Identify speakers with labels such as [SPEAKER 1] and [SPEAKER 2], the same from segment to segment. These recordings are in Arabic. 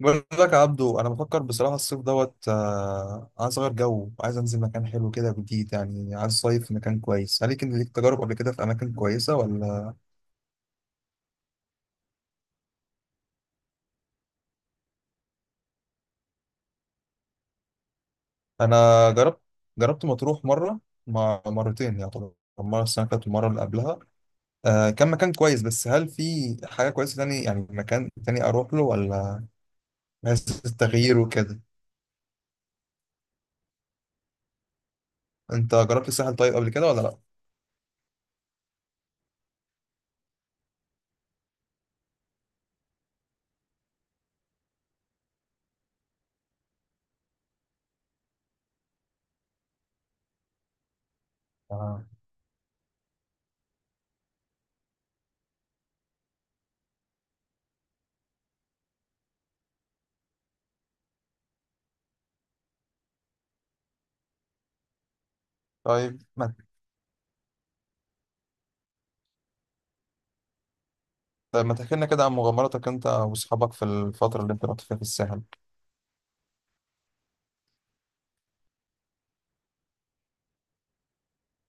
[SPEAKER 1] بقول لك يا عبدو انا بفكر بصراحه الصيف دوت آه، عايز اغير جو، عايز انزل مكان حلو كده جديد، يعني عايز صيف في مكان كويس. هل كان ليك تجارب قبل كده في اماكن كويسه ولا؟ انا جربت مطروح مره، ما مرتين يعتبر، مره السنه اللي فاتت والمره اللي قبلها. كان مكان كويس، بس هل في حاجه كويسه تاني، يعني مكان تاني اروح له ولا؟ بس التغيير وكده. انت جربت الساحل طيب قبل كده ولا لا؟ آه. طيب، ما تحكي لنا كده عن مغامراتك انت واصحابك في الفتره اللي انت رحت فيها في الساحل.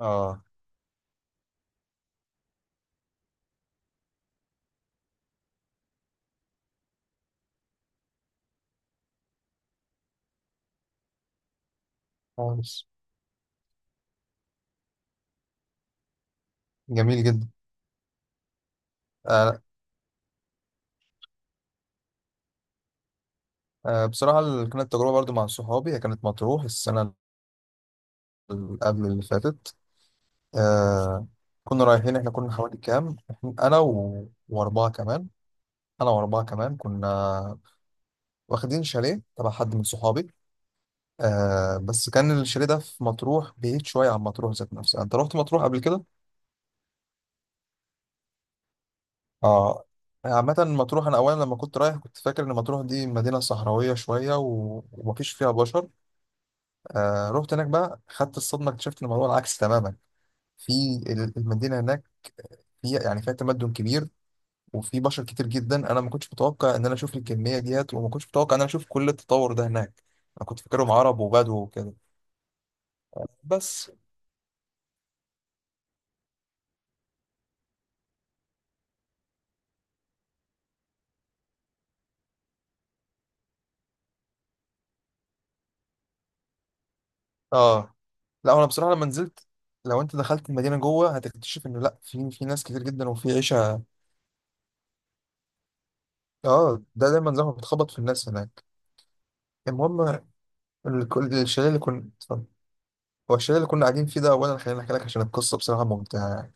[SPEAKER 1] اه. خالص. جميل جدا. آه. بصراحة كانت تجربة برضو مع صحابي، هي كانت مطروح السنة اللي قبل اللي فاتت. آه، كنا رايحين، احنا كنا حوالي كام، انا واربعة كمان. انا واربعة كمان كنا واخدين شاليه تبع حد من صحابي. آه، بس كان الشاليه ده في مطروح بعيد شوية عن مطروح ذات نفسها. انت رحت مطروح قبل كده؟ اه. عامة مطروح أنا أولا لما كنت رايح كنت فاكر إن مطروح دي مدينة صحراوية شوية ومفيش فيها بشر. آه، رحت هناك بقى خدت الصدمه، اكتشفت ان الموضوع العكس تماما. في المدينه هناك في، يعني فيها تمدن كبير، وفي بشر كتير جدا. انا ما كنتش متوقع ان انا اشوف الكميه ديت، وما كنتش متوقع ان انا اشوف كل التطور ده هناك. انا كنت فاكرهم عرب وبدو وكده، بس. اه. لا انا بصراحه لما نزلت، لو انت دخلت المدينه جوه هتكتشف انه لا، في ناس كتير جدا وفي عيشه. اه، ده دايما زي ما بتخبط في الناس هناك. المهم، الشاليه اللي كنا. اتفضل. هو الشاليه اللي كنا قاعدين فيه ده، اولا خليني احكي لك عشان القصه بصراحه ممتعه.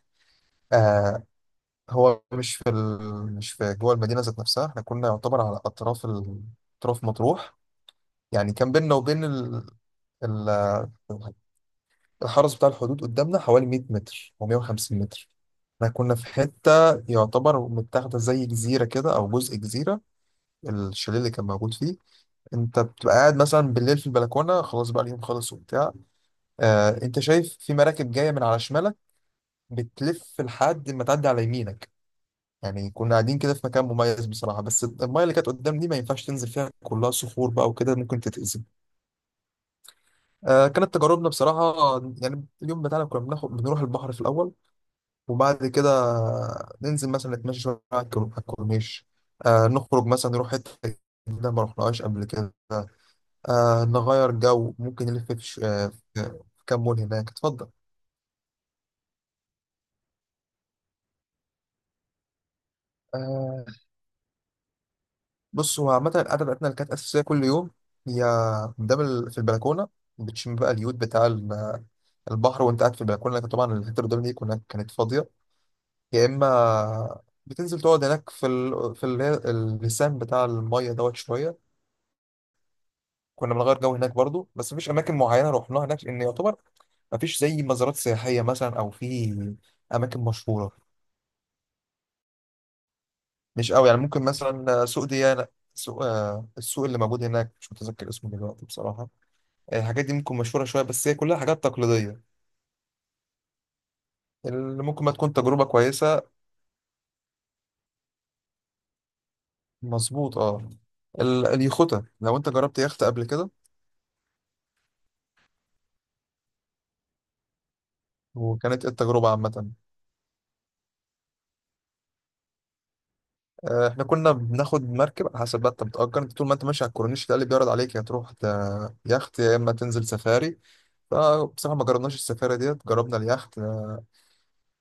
[SPEAKER 1] آه، هو مش في مش في جوه المدينة ذات نفسها، احنا كنا يعتبر على أطراف أطراف مطروح. يعني كان بيننا وبين ال... الحرس بتاع الحدود قدامنا حوالي 100 متر أو 150 متر. احنا كنا في حتة يعتبر متاخدة زي جزيرة كده، أو جزء جزيرة، الشاليه اللي كان موجود فيه. أنت بتبقى قاعد مثلا بالليل في البلكونة، خلاص بقى اليوم خلص وبتاع، أنت شايف في مراكب جاية من على شمالك بتلف لحد ما تعدي على يمينك. يعني كنا قاعدين كده في مكان مميز بصراحة، بس المايه اللي كانت قدام دي ما ينفعش تنزل فيها، كلها صخور بقى وكده، ممكن تتأذي. كانت تجاربنا بصراحة يعني اليوم بتاعنا كنا بناخد، بنروح البحر في الأول، وبعد كده ننزل مثلا نتمشى شوية على على الكورنيش، نخرج مثلا نروح حتة جديدة ما رحناهاش قبل كده، نغير جو، ممكن نلف في, ش... آه في في كام مول هناك. اتفضل. آه بص، هو عامة قاعدة بتاعتنا اللي كانت أساسية كل يوم هي قدام في البلكونة، بتشم بقى اليود بتاع البحر وأنت قاعد في البلكونة. لكن طبعا الحتة اللي قدام دي كانت فاضية، يا إما بتنزل تقعد هناك في اللسان بتاع المية شوية. كنا بنغير جو هناك برضو، بس مفيش أماكن معينة رحناها هناك، لأن يعتبر مفيش زي مزارات سياحية مثلا أو في أماكن مشهورة، مش قوي يعني. ممكن مثلا سوق ديانا، سوق السوق اللي موجود هناك مش متذكر اسمه دلوقتي بصراحة. الحاجات دي ممكن مشهورة شوية، بس هي كلها حاجات تقليدية اللي ممكن ما تكون تجربة كويسة. مظبوط اه. اليخوتة، لو انت جربت يخت قبل كده، وكانت ايه التجربة عامة؟ احنا كنا بناخد مركب، على حسب بقى، انت بتأجر، انت طول ما انت ماشي على الكورنيش ده اللي بيعرض عليك يا تروح يخت يا اما تنزل سفاري. فبصراحة ما جربناش السفاري ديت، جربنا اليخت.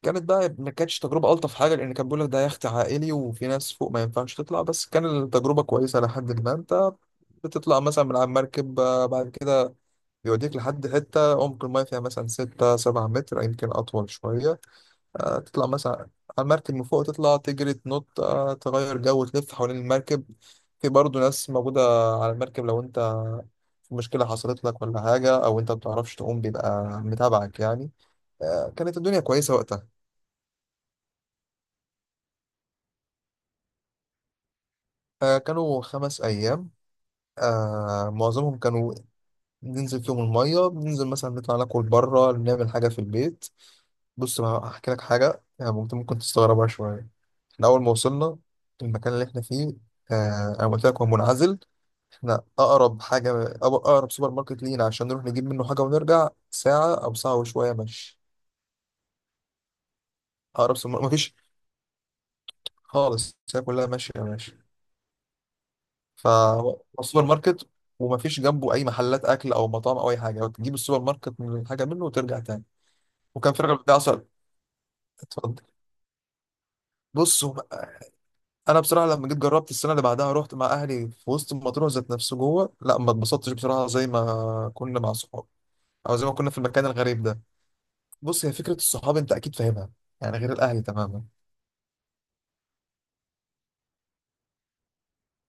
[SPEAKER 1] كانت بقى ما كانتش تجربة ألطف حاجة، لأن كان بيقول لك ده يخت عائلي وفي ناس فوق ما ينفعش تطلع. بس كان التجربة كويسة لحد ما انت بتطلع مثلا من على المركب. بعد كده بيوديك لحد حتة عمق الماية فيها مثلا ستة سبعة متر، يمكن أطول شوية. تطلع مثلا على المركب من فوق، تطلع تجري تنط، تغير جو، تلف حوالين المركب. في برضه ناس موجودة على المركب، لو أنت في مشكلة حصلت لك ولا حاجة أو أنت بتعرفش تقوم بيبقى متابعك يعني. كانت الدنيا كويسة وقتها. كانوا خمس أيام. معظمهم كانوا ننزل فيهم المية، بننزل مثلا نطلع ناكل بره، نعمل حاجة في البيت. بص بقى هحكي لك حاجة يعني، ممكن تستغربها شوية. احنا أول ما وصلنا المكان اللي احنا فيه، أنا قلت لك هو منعزل، احنا أقرب حاجة، أقرب سوبر ماركت لينا عشان نروح نجيب منه حاجة ونرجع ساعة أو ساعة وشوية مشي. أقرب سوبر، مفيش خالص، الساعة كلها ماشية ماشي فالسوبر ماركت. ومفيش جنبه أي محلات أكل أو مطاعم أو أي حاجة، تجيب السوبر ماركت، من حاجة منه وترجع تاني. وكان في راجل بتاع عسل. اتفضل. بص، انا بصراحه لما جيت جربت السنه اللي بعدها، رحت مع اهلي في وسط مطروح ذات نفسه جوه، لا ما اتبسطتش بصراحه زي ما كنا مع صحابي، او زي ما كنا في المكان الغريب ده. بص، هي فكره الصحاب انت اكيد فاهمها، يعني غير الاهل تماما.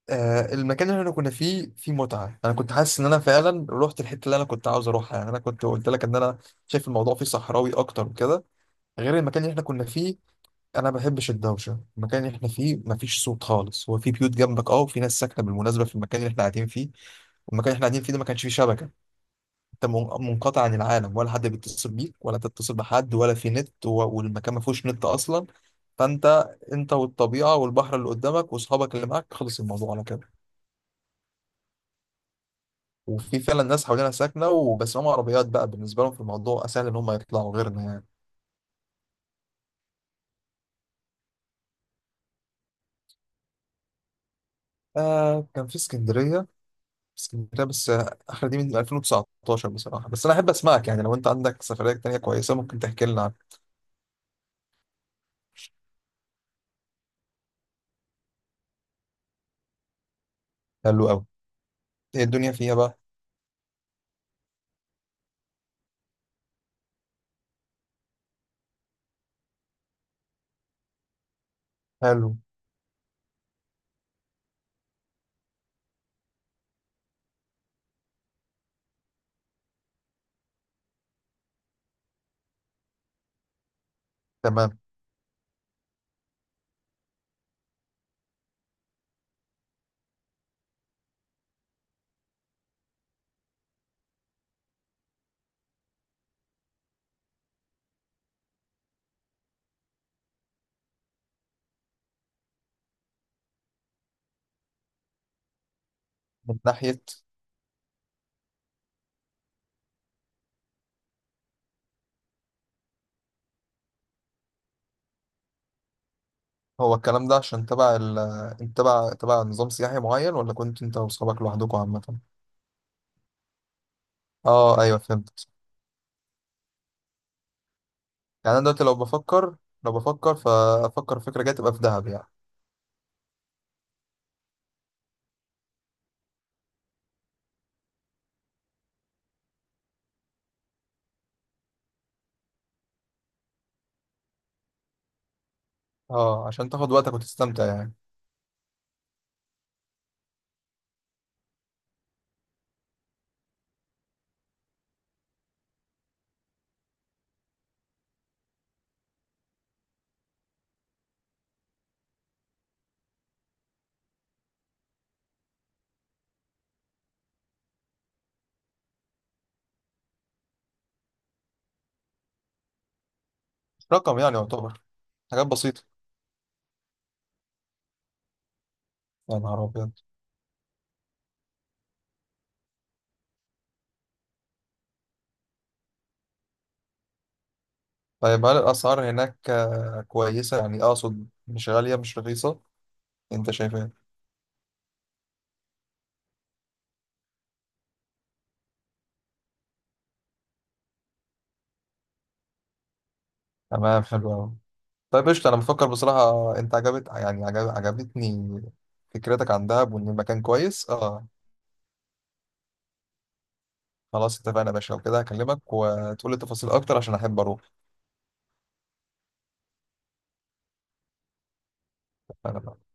[SPEAKER 1] المكان اللي احنا كنا فيه فيه متعه، انا كنت حاسس ان انا فعلا رحت الحته اللي انا كنت عاوز اروحها. يعني انا كنت قلت لك ان انا شايف الموضوع فيه صحراوي اكتر وكده، غير المكان اللي احنا كنا فيه. انا ما بحبش الدوشه، المكان اللي احنا فيه ما فيش صوت خالص، هو في بيوت جنبك اه وفي ناس ساكنه بالمناسبه في المكان اللي احنا قاعدين فيه. والمكان اللي احنا قاعدين فيه ده ما كانش فيه شبكه، انت منقطع عن العالم، ولا حد بيتصل بيك ولا تتصل بحد، ولا في نت والمكان ما فيهوش نت اصلا. فانت، انت والطبيعه والبحر اللي قدامك واصحابك اللي معاك، خلص الموضوع على كده. وفي فعلا ناس حوالينا ساكنه، وبس هم عربيات بقى، بالنسبه لهم في الموضوع اسهل ان هم يطلعوا غيرنا يعني. كان في اسكندريه. اسكندريه، بس اخر دي من 2019 بصراحه. بس انا احب اسمعك، يعني لو انت عندك سفريه تانيه كويسه ممكن تحكي لنا عنها. حلو قوي. ايه الدنيا فيها بقى؟ حلو. تمام. من ناحيه. هو الكلام ده عشان تبع ال، انت تبع نظام سياحي معين ولا كنت انت واصحابك لوحدكم عامة؟ اه، ايوه، فهمت. يعني انا دلوقتي لو بفكر، فافكر فكرة جاية تبقى في دهب يعني. اه عشان تاخد وقتك وتستمتع يعني. مش رقم يعني يعتبر. حاجات بسيطة. يا نهار أبيض. طيب، هل الأسعار هناك كويسة يعني، أقصد مش غالية مش رخيصة؟ أنت شايف إيه؟ تمام، حلو أوي. طيب قشطة، أنا بفكر بصراحة، أنت عجبت يعني، عجبتني فكرتك عن دهب، وإن المكان كويس اه. خلاص اتفقنا يا باشا، وكده هكلمك وتقول لي تفاصيل اكتر عشان احب اروح. انا